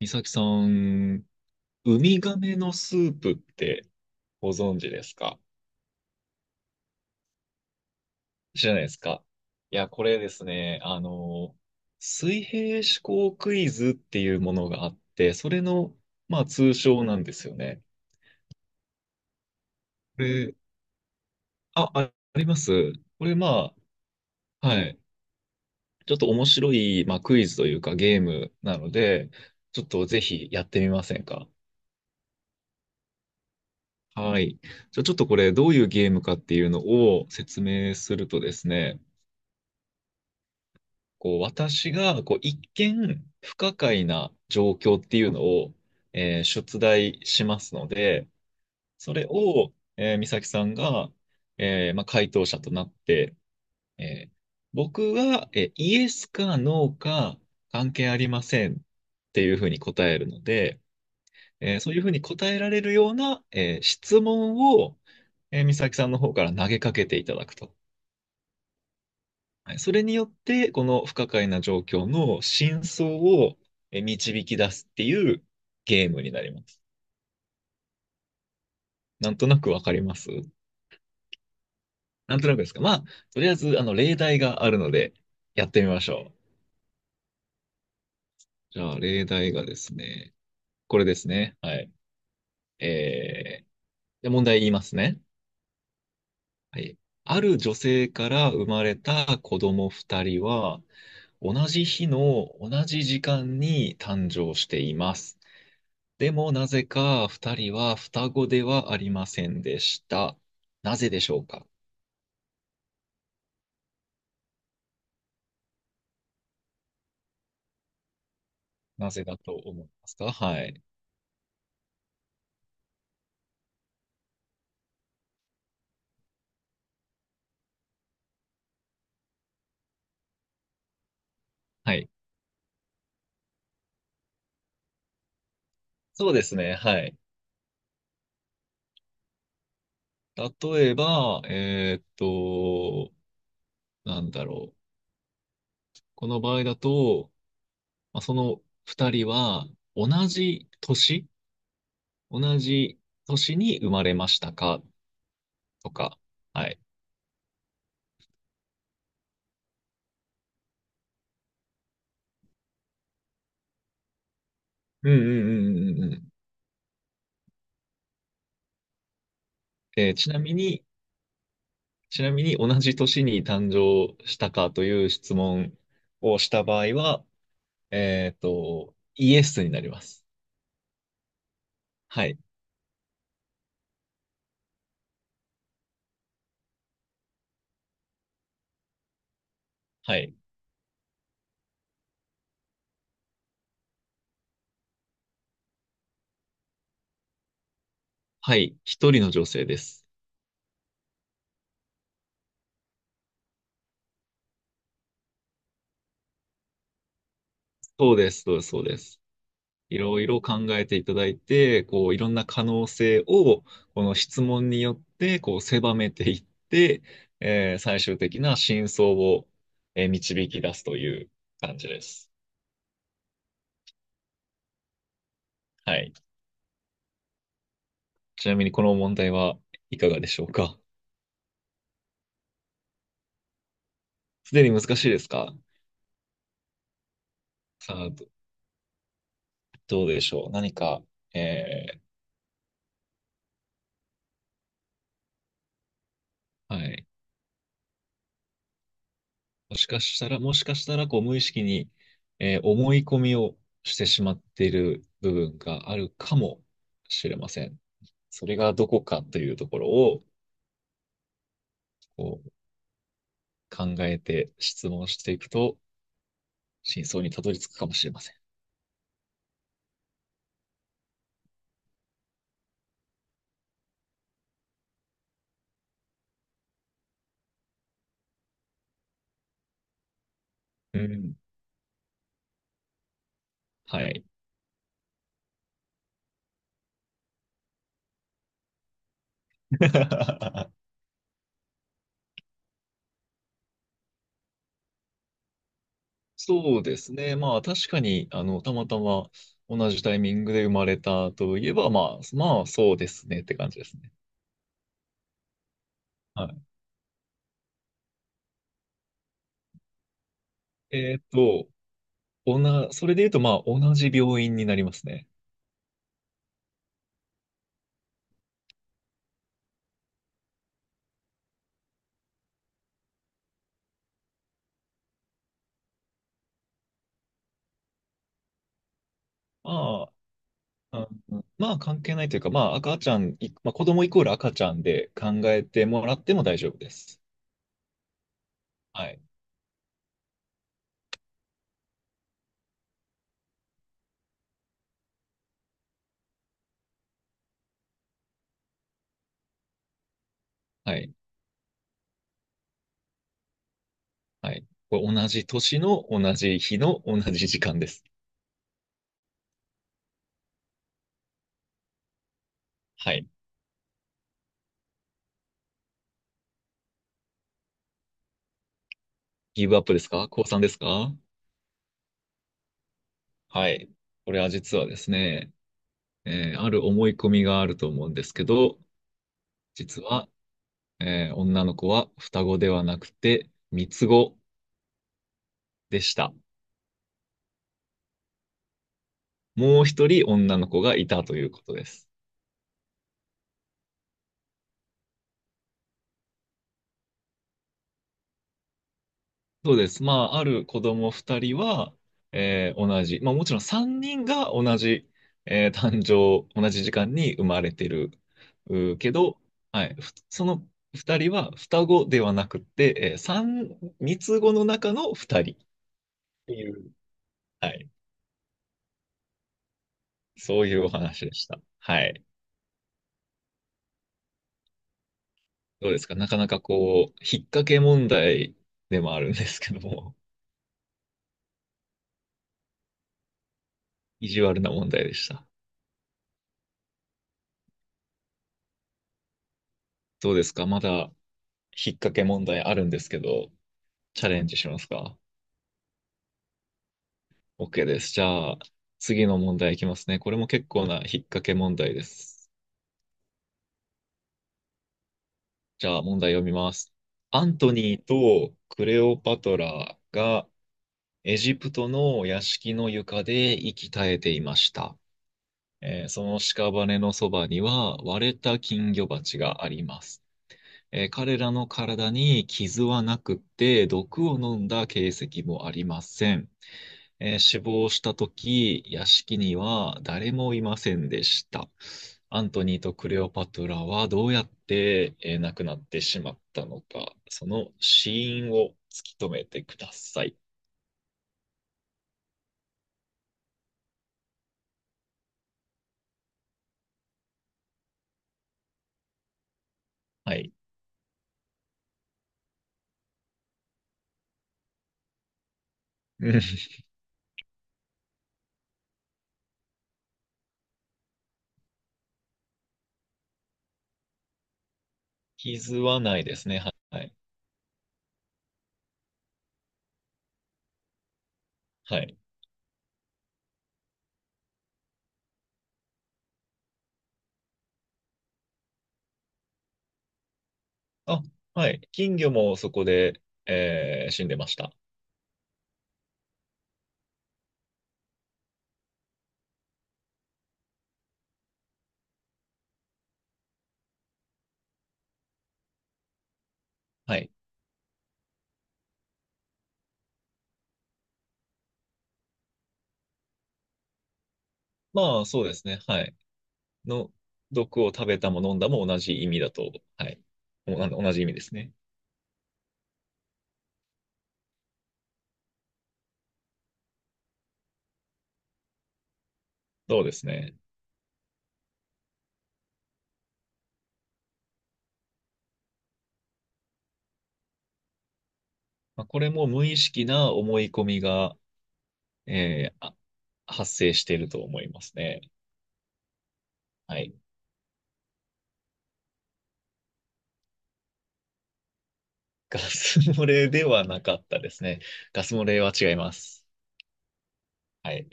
美咲さん、ウミガメのスープってご存知ですか？知らないですか？いや、これですね、あの、水平思考クイズっていうものがあって、それの、まあ、通称なんですよね。これ、あります。これ、はい。ちょっと面白い、まあ、クイズというかゲームなので、ちょっとぜひやってみませんか？はい。じゃあちょっとこれ、どういうゲームかっていうのを説明するとですね、こう、私が、こう、一見不可解な状況っていうのを、出題しますので、それを、美咲さんが、まあ、回答者となって、えー僕が、イエスかノーか関係ありませんっていうふうに答えるので、そういうふうに答えられるような、質問を、美咲さんの方から投げかけていただくと。はい、それによって、この不可解な状況の真相を導き出すっていうゲームになります。なんとなくわかりますなんとなくですか。まあ、とりあえず、あの、例題があるので、やってみましょう。じゃあ、例題がですね、これですね。はい。えー、じゃあ問題言いますね。はい。ある女性から生まれた子供二人は、同じ日の同じ時間に誕生しています。でもなぜか二人は双子ではありませんでした。なぜでしょうか？なぜだと思いますか？はい。はい。そうですね。はい。例えば、なんだろう。この場合だと、まあ、その二人は同じ年同じ年に生まれましたか？とか。はい。うんうんうんうんうんうん。ちなみに、ちなみに同じ年に誕生したかという質問をした場合は、えっと、イエスになります。はい。はい。はい。一人の女性です。そうです。そうです。そうです。いろいろ考えていただいて、こう、いろんな可能性を、この質問によって、こう、狭めていって、最終的な真相を、導き出すという感じです。はい。ちなみにこの問題はいかがでしょうか？すでに難しいですか？さあ、どうでしょう。何か、えはい。もしかしたら、もしかしたら、こう、無意識に、思い込みをしてしまっている部分があるかもしれません。それがどこかというところを、こう、考えて質問していくと、真相にたどり着くかもしれません。うん。はい。そうですね。まあ、確かに、あの、たまたま同じタイミングで生まれたといえば、まあ、まあ、そうですねって感じですね。はい、えーっと、それで言うと、まあ、同じ病院になりますね。まあ、まあ、関係ないというか、まあ、赤ちゃん、いまあ、子供イコール赤ちゃんで考えてもらっても大丈夫です。はい。はい。はい。これ同じ年の同じ日の同じ時間です。はい。ギブアップですか？降参ですか？はい。これは実はですね、ある思い込みがあると思うんですけど、実は、女の子は双子ではなくて三つ子でした。もう一人女の子がいたということです。そうです。まあ、ある子供二人は、同じ、まあもちろん三人が同じ、誕生、同じ時間に生まれてるけど、はい、その二人は双子ではなくて、三つ子の中の二人っていう、はい、そういうお話でした。はい。どうですか？なかなかこう、引っ掛け問題でもあるんですけども、意地悪な問題でした。どうですか？まだ引っ掛け問題あるんですけど、チャレンジしますか？ OK です。じゃあ、次の問題いきますね。これも結構な引っ掛け問題です。じゃあ、問題読みます。アントニーとクレオパトラがエジプトの屋敷の床で息絶えていました。その屍のそばには割れた金魚鉢があります。彼らの体に傷はなくって毒を飲んだ形跡もありません。死亡したとき、屋敷には誰もいませんでした。アントニーとクレオパトラはどうやって、亡くなってしまったのか、その死因を突き止めてください。はい。うん、傷はないですね。はい。はい。あ、はい。金魚もそこで、死んでました。はい。まあ、そうですね。はい。の、毒を食べたも飲んだも同じ意味だと、はい。あの、同じ意味ですね。そうですね。まあ、これも無意識な思い込みが、えーあ発生していると思いますね。はい。ガス漏れではなかったですね。ガス漏れは違います。はい。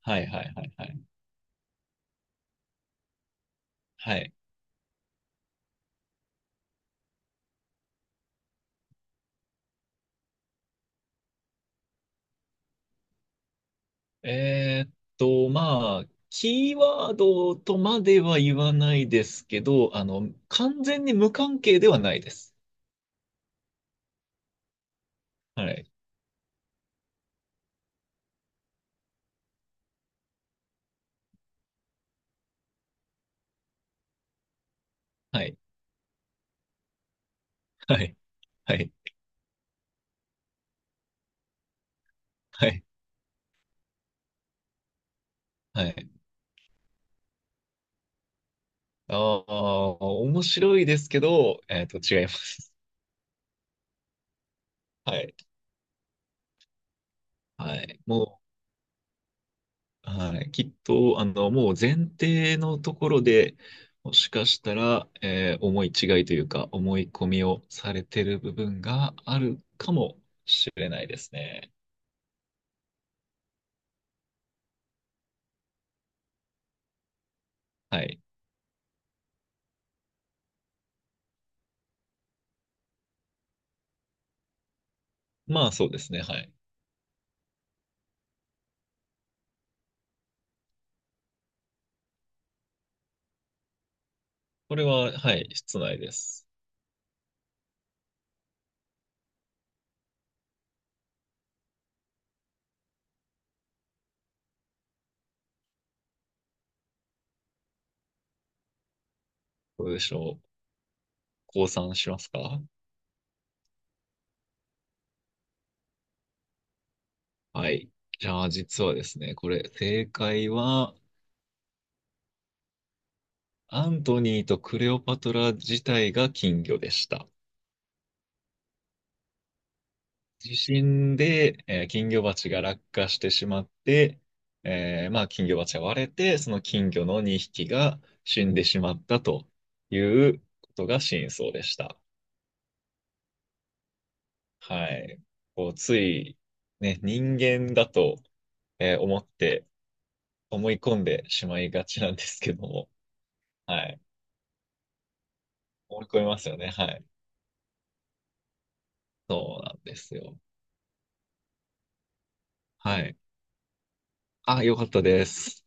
はいはいはいはい。はい。えーっと、まあ、キーワードとまでは言わないですけど、あの、完全に無関係ではないです。はい。はい。はい。はい。はい。はい。ああ、面白いですけど、えーっと、違います。はい。はい。もう、はい、きっと、あの、もう前提のところで、もしかしたら、思い違いというか、思い込みをされてる部分があるかもしれないですね。はい。まあ、そうですね。はい。これは、はい、室内です。どうでしょう。降参しますか？はい。じゃあ、実はですね、これ、正解は、アントニーとクレオパトラ自体が金魚でした。地震で、金魚鉢が落下してしまって、まあ、金魚鉢が割れて、その金魚の2匹が死んでしまったということが真相でした。はい。こう、つい、ね、人間だと、思って、思い込んでしまいがちなんですけども、はい。思い込みますよね。はい。そうなんですよ。はい。あ、よかったです。